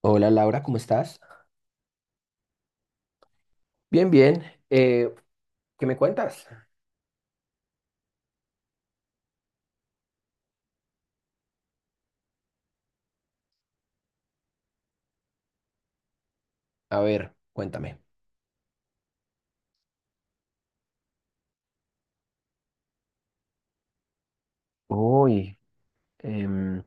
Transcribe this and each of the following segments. Hola Laura, ¿cómo estás? Bien, bien. Eh, ¿Qué me cuentas? A ver, cuéntame. Uy, em,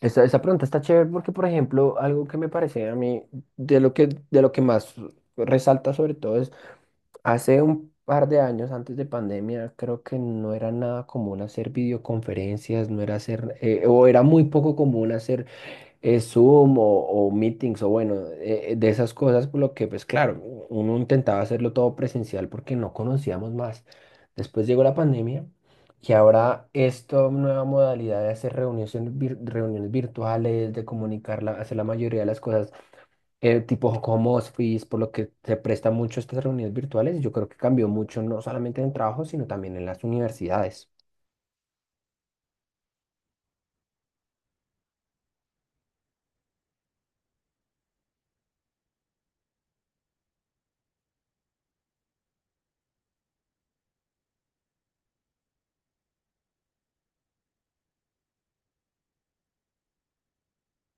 esa pregunta está chévere porque, por ejemplo, algo que me parece a mí de lo que más resalta sobre todo es, hace un par de años antes de pandemia, creo que no era nada común hacer videoconferencias, no era hacer, o era muy poco común hacer Zoom o meetings o bueno, de esas cosas, por lo que pues claro, uno intentaba hacerlo todo presencial porque no conocíamos más. Después llegó la pandemia y ahora esta nueva modalidad de hacer reuniones, reuniones virtuales, de comunicar, hacer la mayoría de las cosas tipo home office, por lo que se presta mucho estas reuniones virtuales, yo creo que cambió mucho no solamente en el trabajo, sino también en las universidades.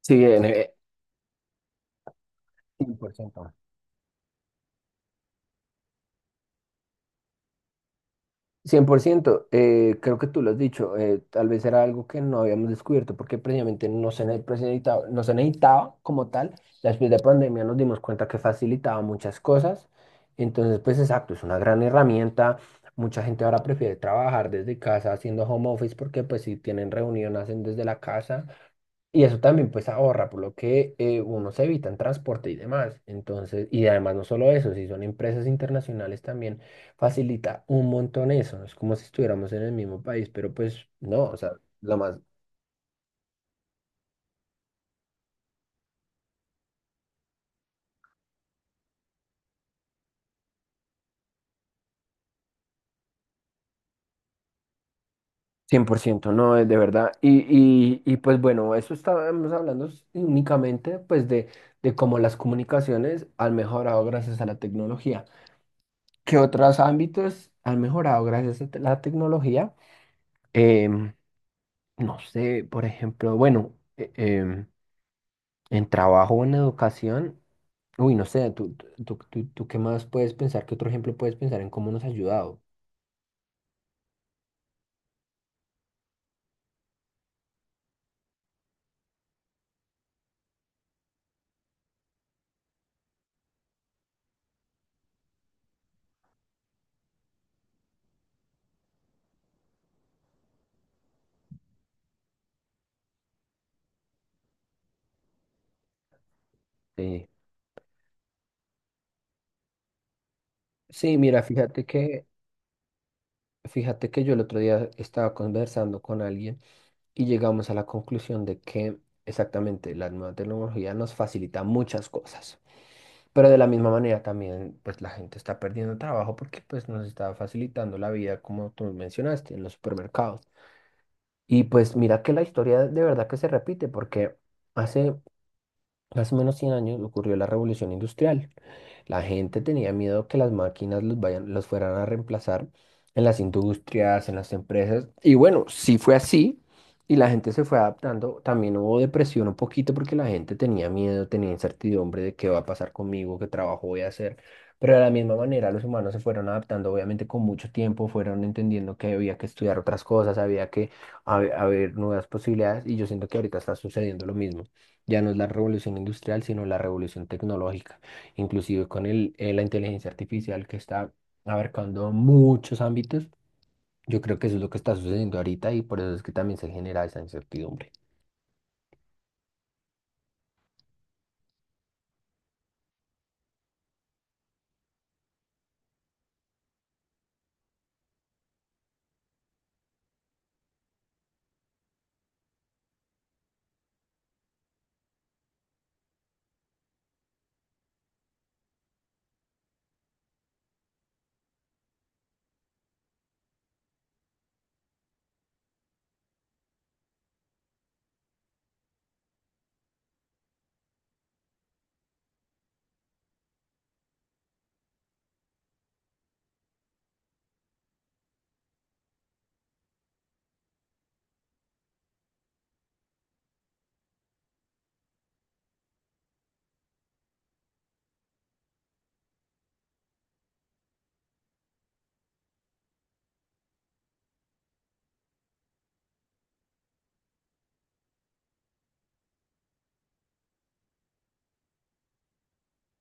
Sí. Cien por ciento, 100%. Creo que tú lo has dicho, tal vez era algo que no habíamos descubierto porque precisamente no se, ne- pues, necesitaba, no se necesitaba como tal. Ya, después de pandemia nos dimos cuenta que facilitaba muchas cosas. Entonces, pues exacto, es una gran herramienta. Mucha gente ahora prefiere trabajar desde casa haciendo home office porque pues si tienen reunión hacen desde la casa. Y eso también pues ahorra, por lo que uno se evita en transporte y demás. Entonces, y además no solo eso, si son empresas internacionales también facilita un montón eso. No, es como si estuviéramos en el mismo país, pero pues no, o sea, lo más 100% no es de verdad. Y, pues bueno, eso estábamos hablando únicamente pues de cómo las comunicaciones han mejorado gracias a la tecnología. ¿Qué otros ámbitos han mejorado gracias a la tecnología? Em, No sé, por ejemplo, bueno, en trabajo o en educación, uy, no sé, tú qué más puedes pensar, qué otro ejemplo puedes pensar en cómo nos ha ayudado. Sí, sí, mira, fíjate que yo el otro día estaba conversando con alguien y llegamos a la conclusión de que exactamente la nueva tecnología nos facilita muchas cosas, pero de la misma manera también, pues la gente está perdiendo trabajo porque pues nos está facilitando la vida, como tú mencionaste, en los supermercados. Y pues mira que la historia de verdad que se repite, porque hace, más o menos 100 años ocurrió la revolución industrial. La gente tenía miedo que las máquinas los vayan, los fueran a reemplazar en las industrias, en las empresas. Y bueno, sí fue así. Y la gente se fue adaptando. También hubo depresión un poquito porque la gente tenía miedo, tenía incertidumbre de qué va a pasar conmigo, qué trabajo voy a hacer. Pero de la misma manera los humanos se fueron adaptando, obviamente con mucho tiempo, fueron entendiendo que había que estudiar otras cosas, había que haber nuevas posibilidades. Y yo siento que ahorita está sucediendo lo mismo. Ya no es la revolución industrial, sino la revolución tecnológica, inclusive con la inteligencia artificial que está abarcando muchos ámbitos. Yo creo que eso es lo que está sucediendo ahorita y por eso es que también se genera esa incertidumbre.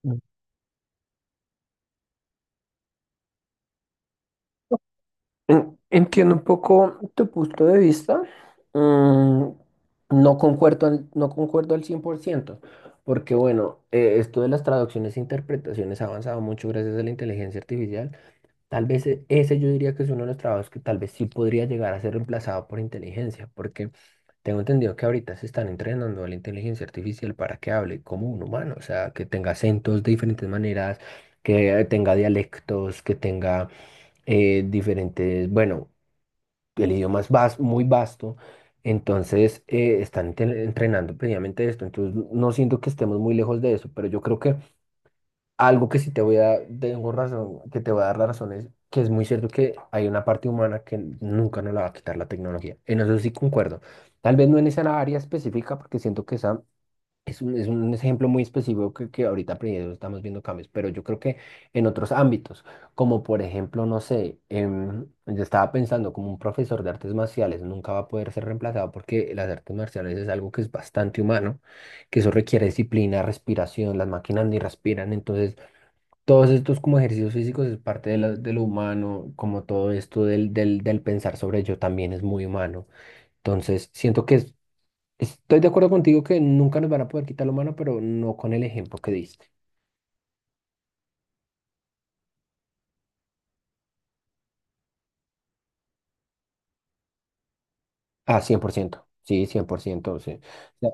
Mm. Entiendo un poco tu punto de vista. Mm, no concuerdo, no concuerdo al 100%, porque bueno, esto de las traducciones e interpretaciones ha avanzado mucho gracias a la inteligencia artificial. Tal vez ese yo diría que es uno de los trabajos que tal vez sí podría llegar a ser reemplazado por inteligencia, porque tengo entendido que ahorita se están entrenando a la inteligencia artificial para que hable como un humano, o sea, que tenga acentos de diferentes maneras, que tenga dialectos, que tenga diferentes, bueno, el idioma es muy vasto, entonces están entrenando previamente esto, entonces no siento que estemos muy lejos de eso, pero yo creo que algo que sí te voy a, tengo razón, que te voy a dar la razón es que es muy cierto que hay una parte humana que nunca nos la va a quitar la tecnología. En eso sí concuerdo. Tal vez no en esa área específica, porque siento que esa es un ejemplo muy específico que ahorita pues, estamos viendo cambios, pero yo creo que en otros ámbitos, como por ejemplo, no sé, yo estaba pensando como un profesor de artes marciales nunca va a poder ser reemplazado porque las artes marciales es algo que es bastante humano, que eso requiere disciplina, respiración, las máquinas ni respiran, entonces todos estos como ejercicios físicos es parte de, de lo humano, como todo esto del pensar sobre yo también es muy humano. Entonces, siento que estoy de acuerdo contigo que nunca nos van a poder quitar lo humano, pero no con el ejemplo que diste. Ah, 100% sí, 100% sí. Ya,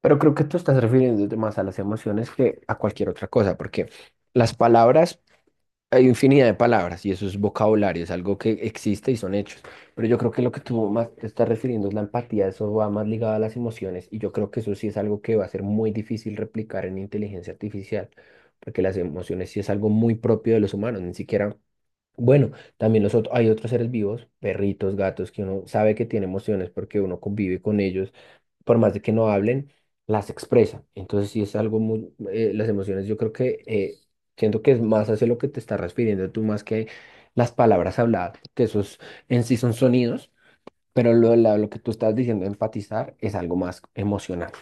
pero creo que tú estás refiriéndote más a las emociones que a cualquier otra cosa, porque las palabras hay infinidad de palabras y eso es vocabulario, es algo que existe y son hechos. Pero yo creo que lo que tú más te estás refiriendo es la empatía, eso va más ligado a las emociones y yo creo que eso sí es algo que va a ser muy difícil replicar en inteligencia artificial, porque las emociones sí es algo muy propio de los humanos, ni siquiera, bueno, también los otros, hay otros seres vivos, perritos, gatos, que uno sabe que tiene emociones porque uno convive con ellos por más de que no hablen, las expresa. Entonces sí es algo muy, las emociones yo creo que siento que es más hacia lo que te estás refiriendo tú más que las palabras habladas, que esos en sí son sonidos, pero lo que tú estás diciendo, enfatizar, es algo más emocional.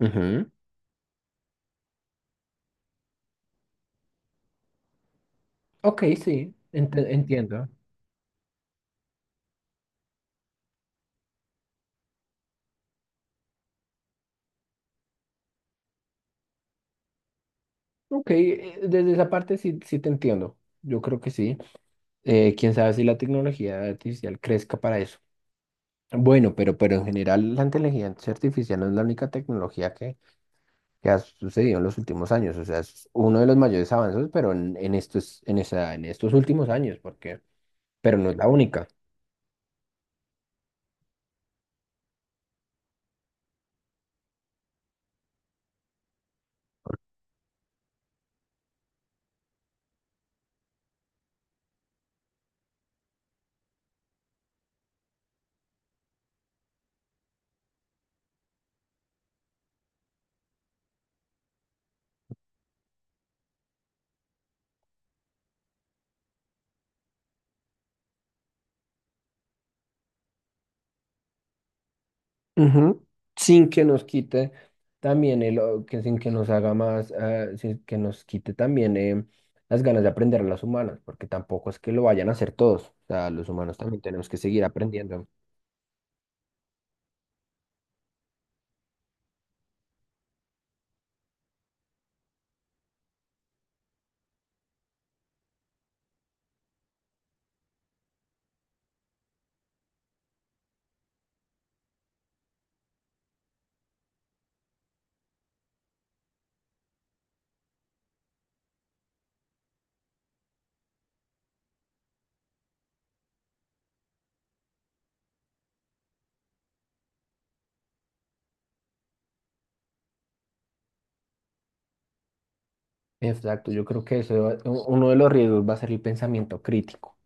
Ujú. Ok, sí, entiendo. Ok, desde esa parte sí, sí te entiendo. Yo creo que sí. Quién sabe si la tecnología artificial crezca para eso. Bueno, pero en general la inteligencia artificial no es la única tecnología que ha sucedido en los últimos años. O sea, es uno de los mayores avances, pero en estos, en esa, en estos últimos años, porque, pero no es la única. Ujú. Sin que nos quite también el, que sin que nos haga más, sin que nos quite también las ganas de aprender a las humanas, porque tampoco es que lo vayan a hacer todos. O sea, los humanos también tenemos que seguir aprendiendo. Exacto, yo creo que eso uno de los riesgos va a ser el pensamiento crítico.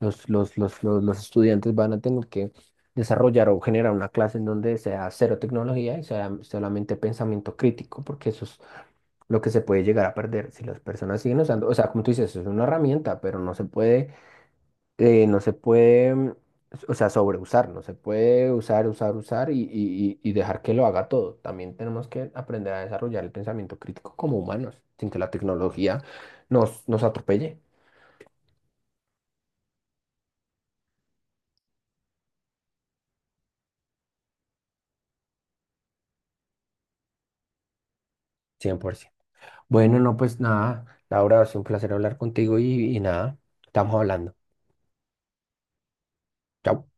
Los estudiantes van a tener que desarrollar o generar una clase en donde sea cero tecnología y sea solamente pensamiento crítico, porque eso es lo que se puede llegar a perder si las personas siguen usando. O sea, como tú dices, es una herramienta, pero no se puede eh, no se puede, mm, o sea, sobreusar, no se puede usar, y, y dejar que lo haga todo. También tenemos que aprender a desarrollar el pensamiento crítico como humanos, sin que la tecnología nos atropelle. 100%. Bueno, no, pues nada, Laura, ha sido un placer hablar contigo y nada, estamos hablando. Chao.